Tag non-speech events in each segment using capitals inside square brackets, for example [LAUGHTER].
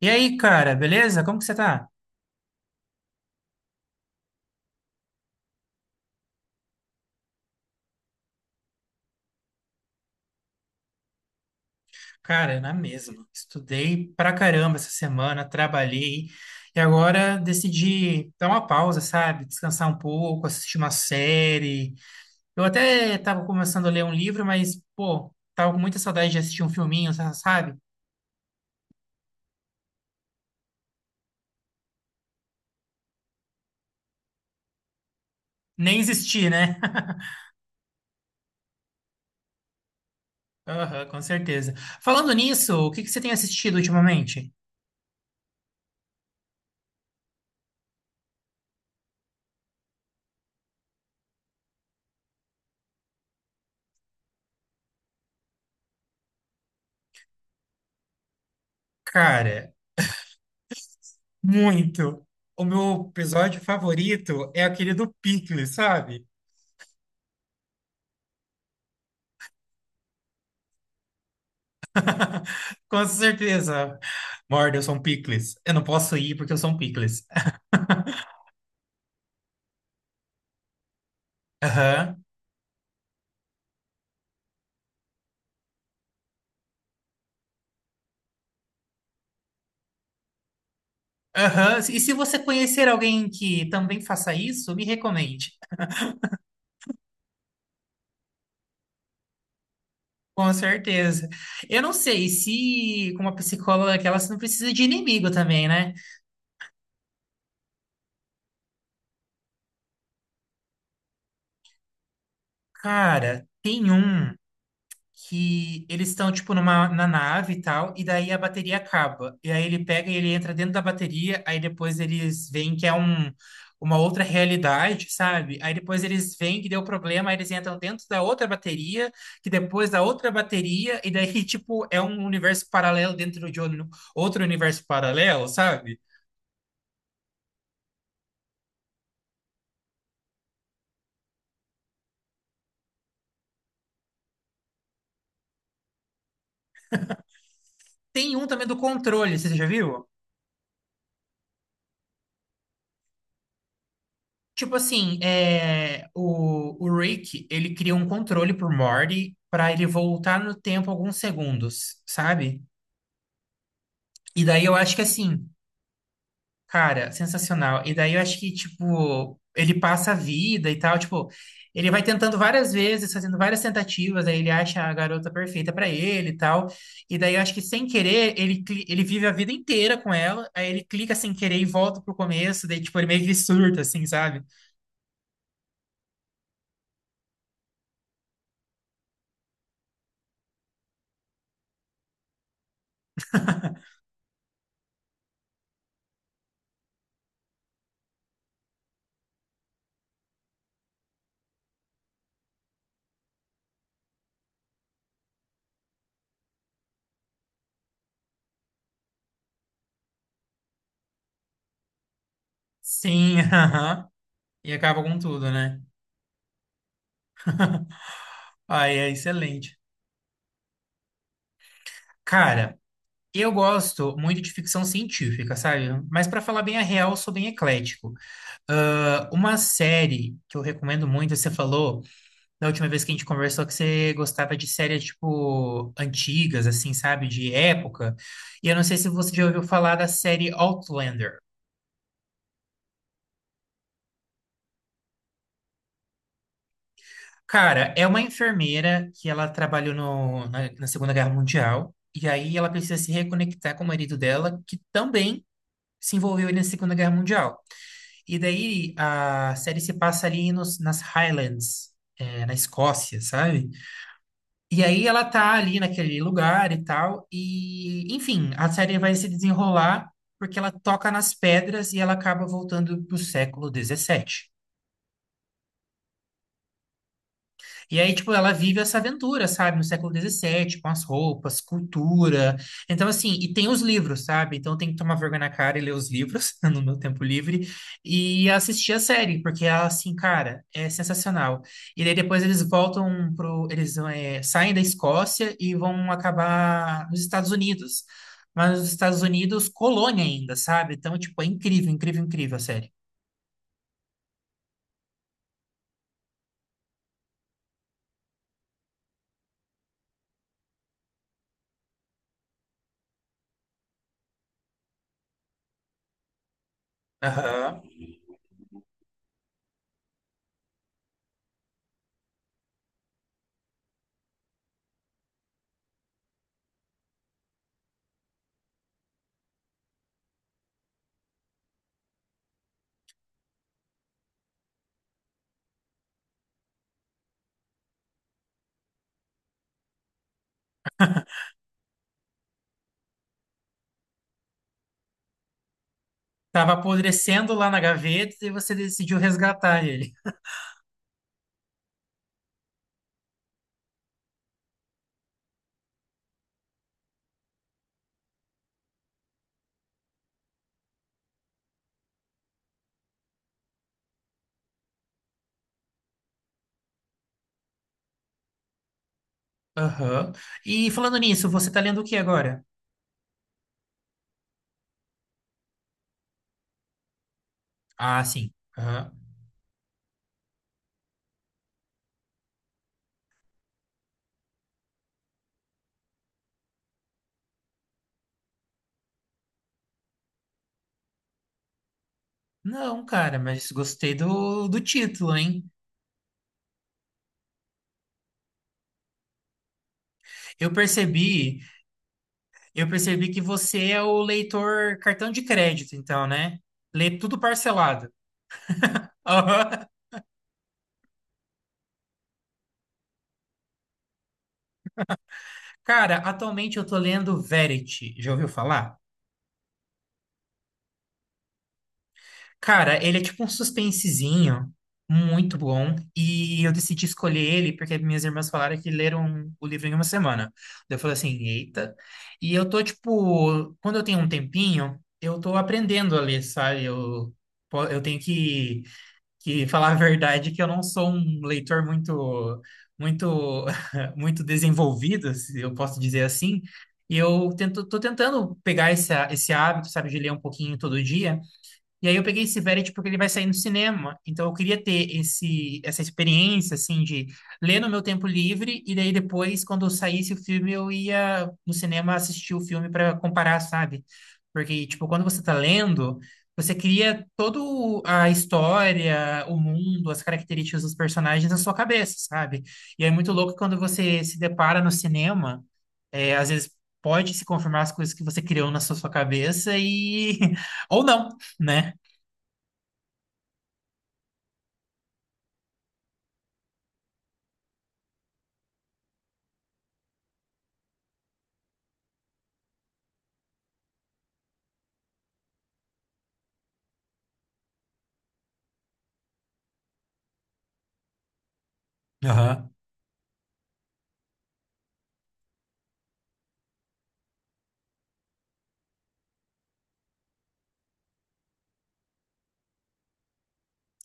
E aí, cara, beleza? Como que você tá? Cara, na mesma. Estudei pra caramba essa semana, trabalhei e agora decidi dar uma pausa, sabe? Descansar um pouco, assistir uma série. Eu até tava começando a ler um livro, mas, pô, tava com muita saudade de assistir um filminho, sabe? Nem existir, né? [LAUGHS] Aham, com certeza. Falando nisso, o que que você tem assistido ultimamente? Cara, muito. O meu episódio favorito é aquele do Pickles, sabe? Com certeza. Morde, eu sou um picles. Eu não posso ir porque eu sou um picles. Aham. Aham. E se você conhecer alguém que também faça isso, me recomende. Com certeza. Eu não sei se com uma psicóloga daquela você não precisa de inimigo também, né? Cara, tem um que eles estão, tipo, na nave e tal, e daí a bateria acaba. E aí ele pega e ele entra dentro da bateria, aí depois eles veem que é uma outra realidade, sabe? Aí depois eles veem que deu problema, aí eles entram dentro da outra bateria, que depois da outra bateria, e daí, [LAUGHS] tipo, é um universo paralelo dentro de outro universo paralelo, sabe? Tem um também do controle, você já viu? Tipo assim, é, o Rick, ele cria um controle pro Morty pra ele voltar no tempo alguns segundos, sabe? E daí eu acho que assim, cara, sensacional. E daí eu acho que, tipo, ele passa a vida e tal, tipo, ele vai tentando várias vezes, fazendo várias tentativas, aí ele acha a garota perfeita pra ele e tal. E daí eu acho que sem querer, ele, ele vive a vida inteira com ela, aí ele clica sem querer e volta pro começo, daí, tipo, ele meio que surta, assim, sabe? Sim, [LAUGHS] aham. E acaba com tudo, né? Ah, é excelente. Cara, eu gosto muito de ficção científica, sabe? Mas pra falar bem a real, eu sou bem eclético. Ah, uma série que eu recomendo muito, você falou da última vez que a gente conversou que você gostava de séries tipo antigas, assim, sabe? De época. E eu não sei se você já ouviu falar da série Outlander. Cara, é uma enfermeira que ela trabalhou na Segunda Guerra Mundial. E aí ela precisa se reconectar com o marido dela, que também se envolveu aí na Segunda Guerra Mundial. E daí a série se passa ali nas Highlands, é, na Escócia, sabe? E aí ela tá ali naquele lugar e tal, e enfim, a série vai se desenrolar porque ela toca nas pedras e ela acaba voltando pro século XVII. E aí, tipo, ela vive essa aventura, sabe? No século XVII, com as roupas, cultura. Então, assim, e tem os livros, sabe? Então, tem que tomar vergonha na cara e ler os livros [LAUGHS] no meu tempo livre e assistir a série, porque ela, assim, cara, é sensacional. E daí depois eles voltam pro... Eles é, saem da Escócia e vão acabar nos Estados Unidos. Mas nos Estados Unidos, colônia ainda, sabe? Então, tipo, é incrível, incrível, incrível a série. Aham. Tava apodrecendo lá na gaveta e você decidiu resgatar ele. Aham. E falando nisso, você tá lendo o que agora? Ah, sim. Aham. Não, cara, mas gostei do título, hein? Eu percebi, eu percebi que você é o leitor cartão de crédito, então, né? Lê tudo parcelado. [LAUGHS] Aham. Cara, atualmente eu tô lendo Verity. Já ouviu falar? Cara, ele é tipo um suspensezinho muito bom e eu decidi escolher ele porque minhas irmãs falaram que leram o livro em uma semana. Daí eu falei assim, eita. E eu tô tipo, quando eu tenho um tempinho, eu tô aprendendo a ler, sabe? Eu, eu tenho que falar a verdade que eu não sou um leitor muito, muito, [LAUGHS] muito desenvolvido, se eu posso dizer assim. E eu tento, tô tentando pegar esse, esse hábito, sabe, de ler um pouquinho todo dia. E aí eu peguei esse Verity porque ele vai sair no cinema. Então eu queria ter esse, essa experiência, assim, de ler no meu tempo livre e daí depois, quando saísse o filme, eu ia no cinema assistir o filme para comparar, sabe? Porque, tipo, quando você tá lendo, você cria toda a história, o mundo, as características dos personagens na sua cabeça, sabe? E é muito louco quando você se depara no cinema, é, às vezes pode se confirmar as coisas que você criou na sua cabeça e... [LAUGHS] ou não, né? Aham.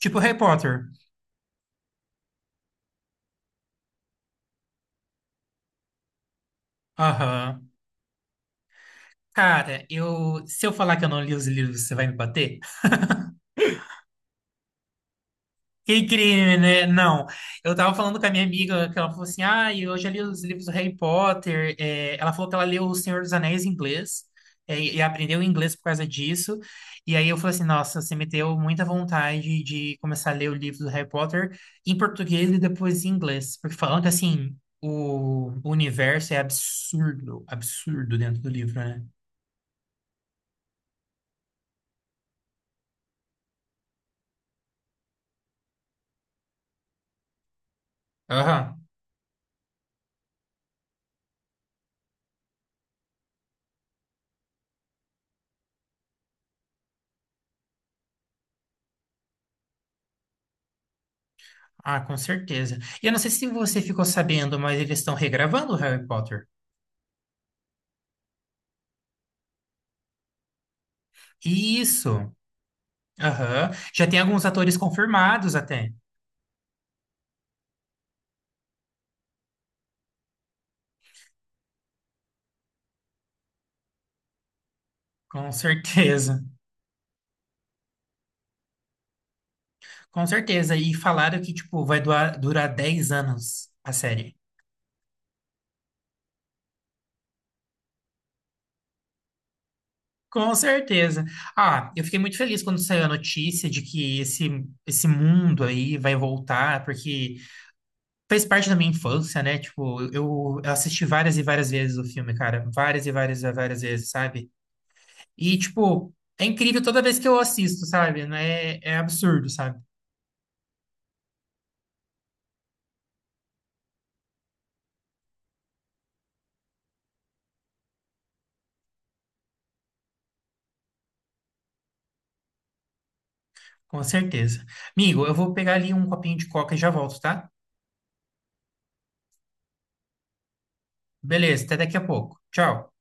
Tipo Harry Potter. Aham. Cara, eu, se eu falar que eu não li os livros, você vai me bater? Que crime, né? Não. Eu tava falando com a minha amiga que ela falou assim: ah, eu já li os livros do Harry Potter. É, ela falou que ela leu O Senhor dos Anéis em inglês, é, e aprendeu inglês por causa disso. E aí eu falei assim: nossa, você me deu muita vontade de começar a ler o livro do Harry Potter em português e depois em inglês. Porque falando que assim, o universo é absurdo, absurdo dentro do livro, né? Aham. Ah, com certeza. E eu não sei se você ficou sabendo, mas eles estão regravando o Harry Potter. Isso. Aham. Já tem alguns atores confirmados até. Com certeza. [LAUGHS] Com certeza. E falaram que, tipo, vai durar 10 anos a série. Com certeza. Ah, eu fiquei muito feliz quando saiu a notícia de que esse mundo aí vai voltar, porque fez parte da minha infância, né? Tipo, eu assisti várias e várias vezes o filme, cara. Várias e várias e várias vezes, sabe? E, tipo, é incrível toda vez que eu assisto, sabe? Não É, é absurdo, sabe? Com certeza. Amigo, eu vou pegar ali um copinho de coca e já volto, tá? Beleza, até daqui a pouco. Tchau.